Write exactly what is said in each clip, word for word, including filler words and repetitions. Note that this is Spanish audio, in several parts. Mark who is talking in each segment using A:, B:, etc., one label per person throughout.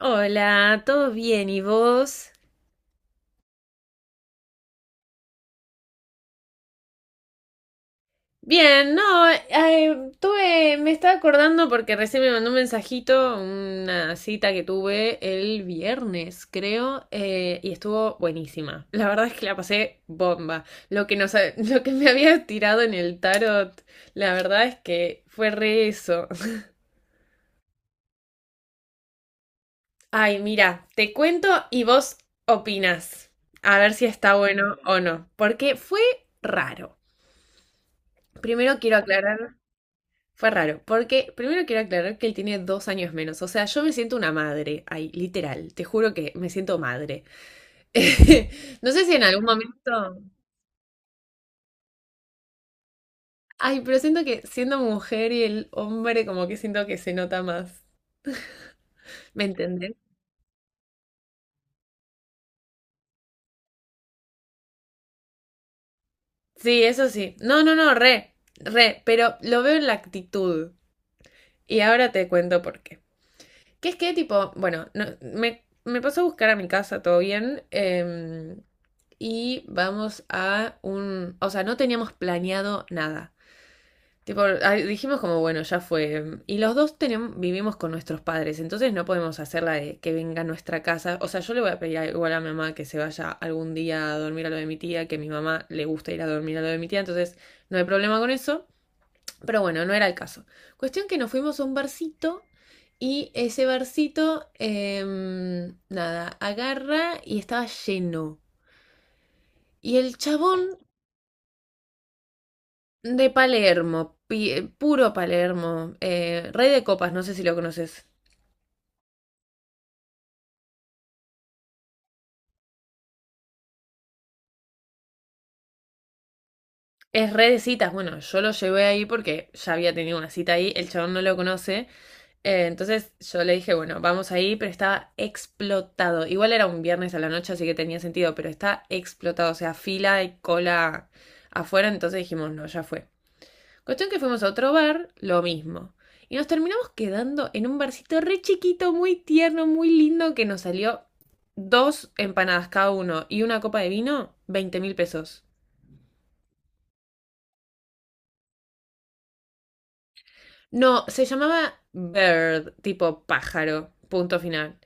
A: Hola, ¿todo bien? ¿Y vos? Bien, no, eh, tuve, me estaba acordando porque recién me mandó un mensajito, una cita que tuve el viernes, creo, eh, y estuvo buenísima. La verdad es que la pasé bomba. Lo que nos, ha- Lo que me había tirado en el tarot, la verdad es que fue re eso. Ay, mira, te cuento y vos opinas. A ver si está bueno o no, porque fue raro. Primero quiero aclarar. Fue raro, porque primero quiero aclarar que él tiene dos años menos, o sea, yo me siento una madre, ay, literal, te juro que me siento madre. No sé si en algún momento... Ay, pero siento que siendo mujer y el hombre como que siento que se nota más. ¿Me entendés? Sí, eso sí. No, no, no, re, re, pero lo veo en la actitud. Y ahora te cuento por qué. Que es que tipo, bueno, no- me, me pasó a buscar a mi casa, todo bien. em, y vamos a un... O sea, no teníamos planeado nada. Tipo, ah, dijimos como, bueno, ya fue. Y los dos tenem- vivimos con nuestros padres, entonces no podemos hacerla de que venga a nuestra casa. O sea, yo le voy a pedir a- igual a mi mamá que se vaya algún día a dormir a lo de mi tía, que a mi mamá le gusta ir a dormir a lo de mi tía, entonces no hay problema con eso. Pero bueno, no era el caso. Cuestión que nos fuimos a un barcito y ese barcito, em, nada, agarra y estaba lleno. Y el chabón. De Palermo, pi- puro Palermo, eh, Rey de Copas, no sé si lo conoces. Es re de citas, bueno, yo lo llevé ahí porque ya había tenido una cita ahí, el chabón no lo conoce, eh, entonces yo le dije, bueno, vamos ahí, pero estaba explotado. Igual era un viernes a la noche, así que tenía sentido, pero está explotado, o sea, fila y cola afuera, entonces dijimos, no, ya fue. Cuestión que fuimos a otro bar, lo mismo. Y nos terminamos quedando en un barcito re chiquito, muy tierno, muy lindo, que nos salió dos empanadas cada uno y una copa de vino, veinte mil pesos. No, se llamaba Bird, tipo pájaro, punto final.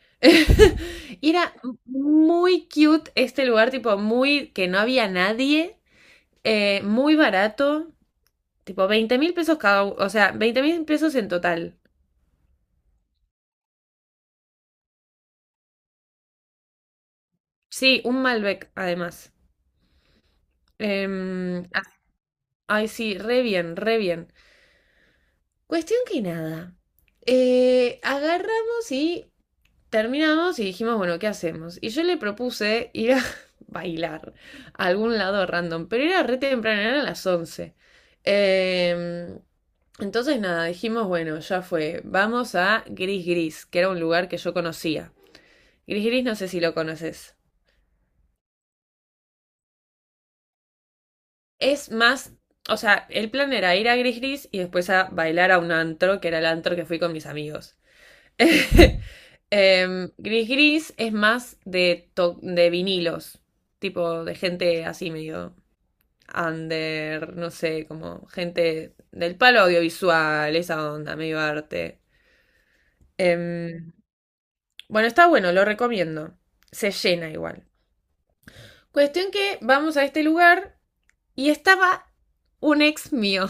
A: Y era muy cute este lugar, tipo muy que no había nadie, eh, muy barato, tipo veinte mil pesos cada uno, o sea, veinte mil pesos en total. Sí, un Malbec además. Em, ah, ay, sí, re bien, re bien. Cuestión que nada. Eh, agarramos y terminamos y dijimos, bueno, ¿qué hacemos? Y yo le propuse ir a bailar a algún lado random, pero era re temprano, eran las once. Em, entonces nada, dijimos, bueno, ya fue, vamos a Gris Gris, que era un lugar que yo conocía. Gris Gris, no sé si lo conoces. Es más, o sea, el plan era ir a Gris Gris y después a bailar a un antro, que era el antro que fui con mis amigos. Em, Gris Gris es más de, to- de vinilos, tipo de gente así medio under, no sé, como gente del palo audiovisual, esa onda, medio arte. Em, bueno, está bueno, lo recomiendo. Se llena igual. Cuestión que vamos a este lugar y estaba un ex mío.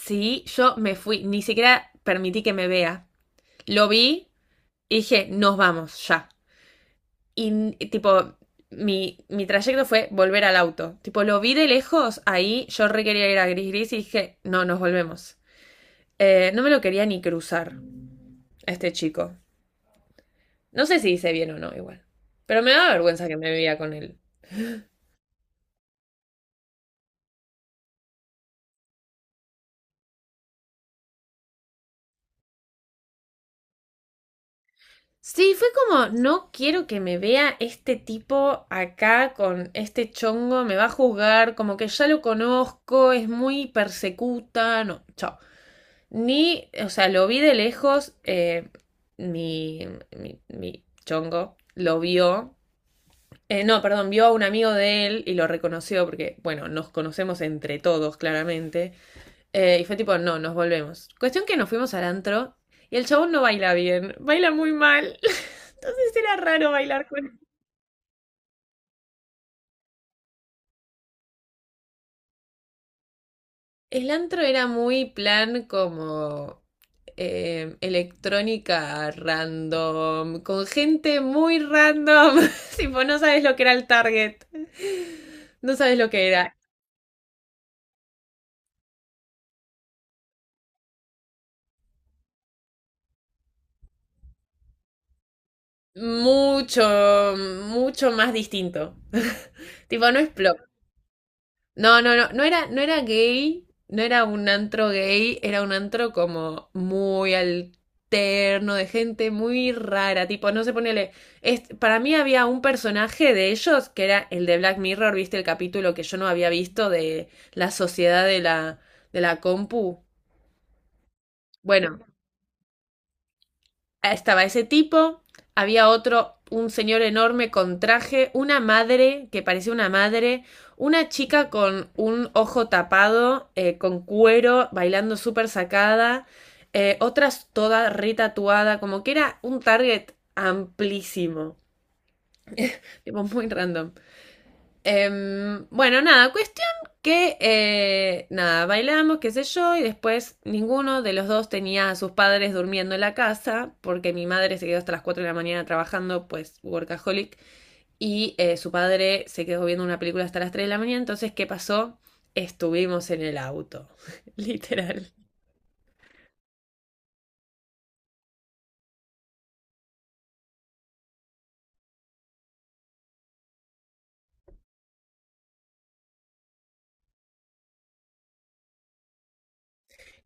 A: Sí, yo me fui, ni siquiera permití que me vea. Lo vi y dije, nos vamos ya. Y n- tipo, mi, mi trayecto fue volver al auto. Tipo, lo vi de lejos, ahí yo re quería ir a Gris Gris y dije, no, nos volvemos. Eh, no me lo quería ni cruzar a este chico. No sé si hice bien o no, igual. Pero me da vergüenza que me veía con él. Sí, fue como, no quiero que me vea este tipo acá con este chongo, me va a juzgar, como que ya lo conozco, es muy persecuta, no, chao. Ni, o sea, lo vi de lejos, eh, mi, mi, mi chongo lo vio, eh, no, perdón, vio a un amigo de él y lo reconoció porque, bueno, nos conocemos entre todos, claramente. Eh, y fue tipo, no, nos volvemos. Cuestión que nos fuimos al antro y el chabón no baila bien, baila muy mal. Entonces era raro bailar con él. El antro era muy plan como eh, electrónica random, con gente muy random. Tipo, no sabes lo que era el target. No sabes lo que era. Mucho, mucho más distinto. Tipo, no es. No, no, no, no era, no era gay, no era un antro gay, era un antro como muy alterno, de gente muy rara, tipo, no sé, ponele, es, para mí había un personaje de ellos que era el de Black Mirror, ¿viste el capítulo que yo no había visto de la sociedad de la, de la, compu? Bueno. Estaba ese tipo, había otro, un señor enorme con traje, una madre que parecía una madre, una chica con un ojo tapado, eh, con cuero, bailando súper sacada, eh, otras toda retatuada, como que era un target amplísimo, tipo muy random. Em, bueno, nada, cuestión que, eh, nada, bailamos, qué sé yo, y después ninguno de los dos tenía a sus padres durmiendo en la casa, porque mi madre se quedó hasta las cuatro de la mañana trabajando, pues workaholic, y eh, su padre se quedó viendo una película hasta las tres de la mañana, entonces, ¿qué pasó? Estuvimos en el auto, literal.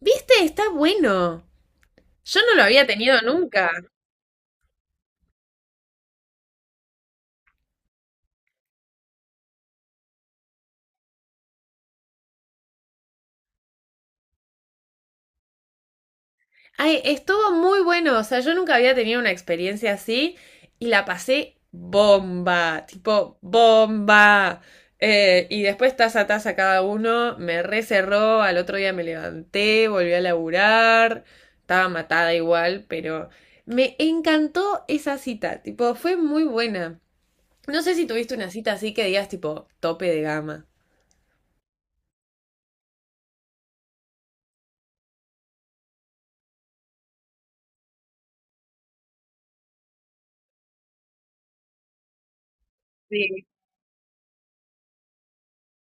A: ¿Viste? Está bueno. Yo no lo había tenido nunca. Ay, estuvo muy bueno, o sea, yo nunca había tenido una experiencia así y la pasé bomba, tipo bomba. Eh, y después taza a taza cada uno, me recerró, al otro día me levanté, volví a laburar, estaba matada igual, pero me encantó esa cita, tipo, fue muy buena. No sé si tuviste una cita así que digas tipo tope de gama. Sí.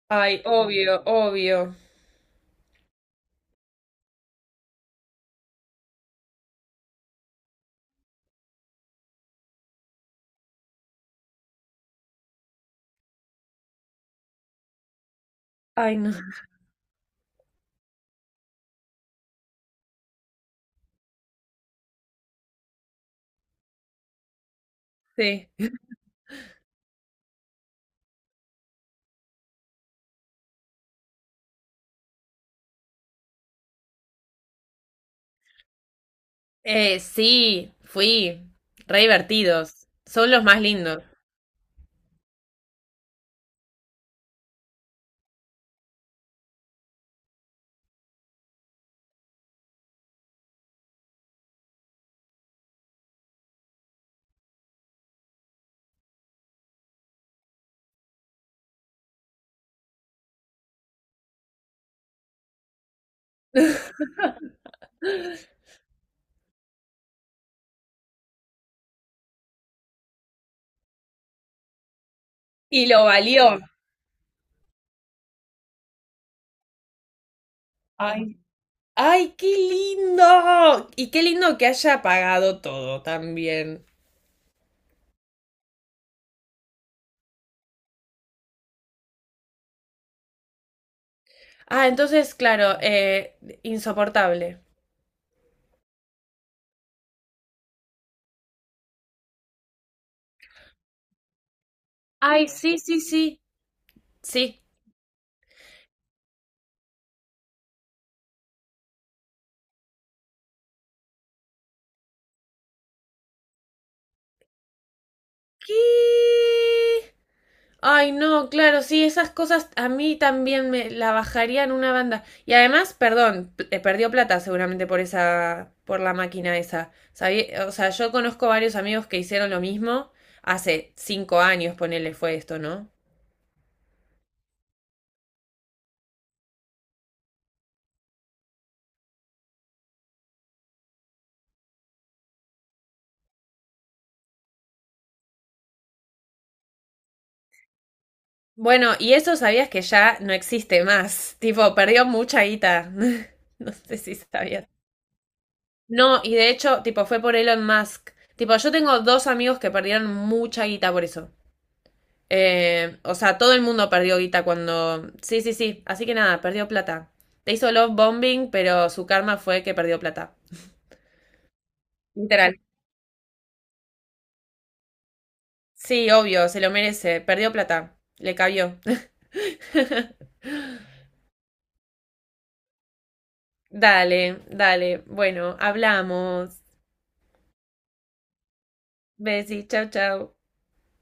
A: Ay, obvio, obvio. Ay, no sé. Eh, sí, fui. Re divertidos. Son los más lindos. Y lo valió. Ay, ay, qué lindo. Y qué lindo que haya pagado todo también. Ah, entonces, claro, eh, insoportable. Ay, sí, sí, sí. Sí. ¿Qué? Ay, no, claro, sí, esas cosas a mí también me la bajarían una banda. Y además, perdón, p- eh, perdió plata seguramente por esa, por la máquina esa. Sabí- o sea, yo conozco varios amigos que hicieron lo mismo hace cinco años, ponele, fue esto, ¿no? Bueno, y eso sabías que ya no existe más. Tipo, perdió mucha guita. No sé si sabías. No, y de hecho, tipo, fue por Elon Musk. Tipo, yo tengo dos amigos que perdieron mucha guita por eso. Eh, o sea, todo el mundo perdió guita cuando. Sí, sí, sí. Así que nada, perdió plata. Le hizo love bombing, pero su karma fue que perdió plata. Literal. Sí, obvio, se lo merece. Perdió plata. Le cabió. Dale, dale. Bueno, hablamos. Besi, chau, chau.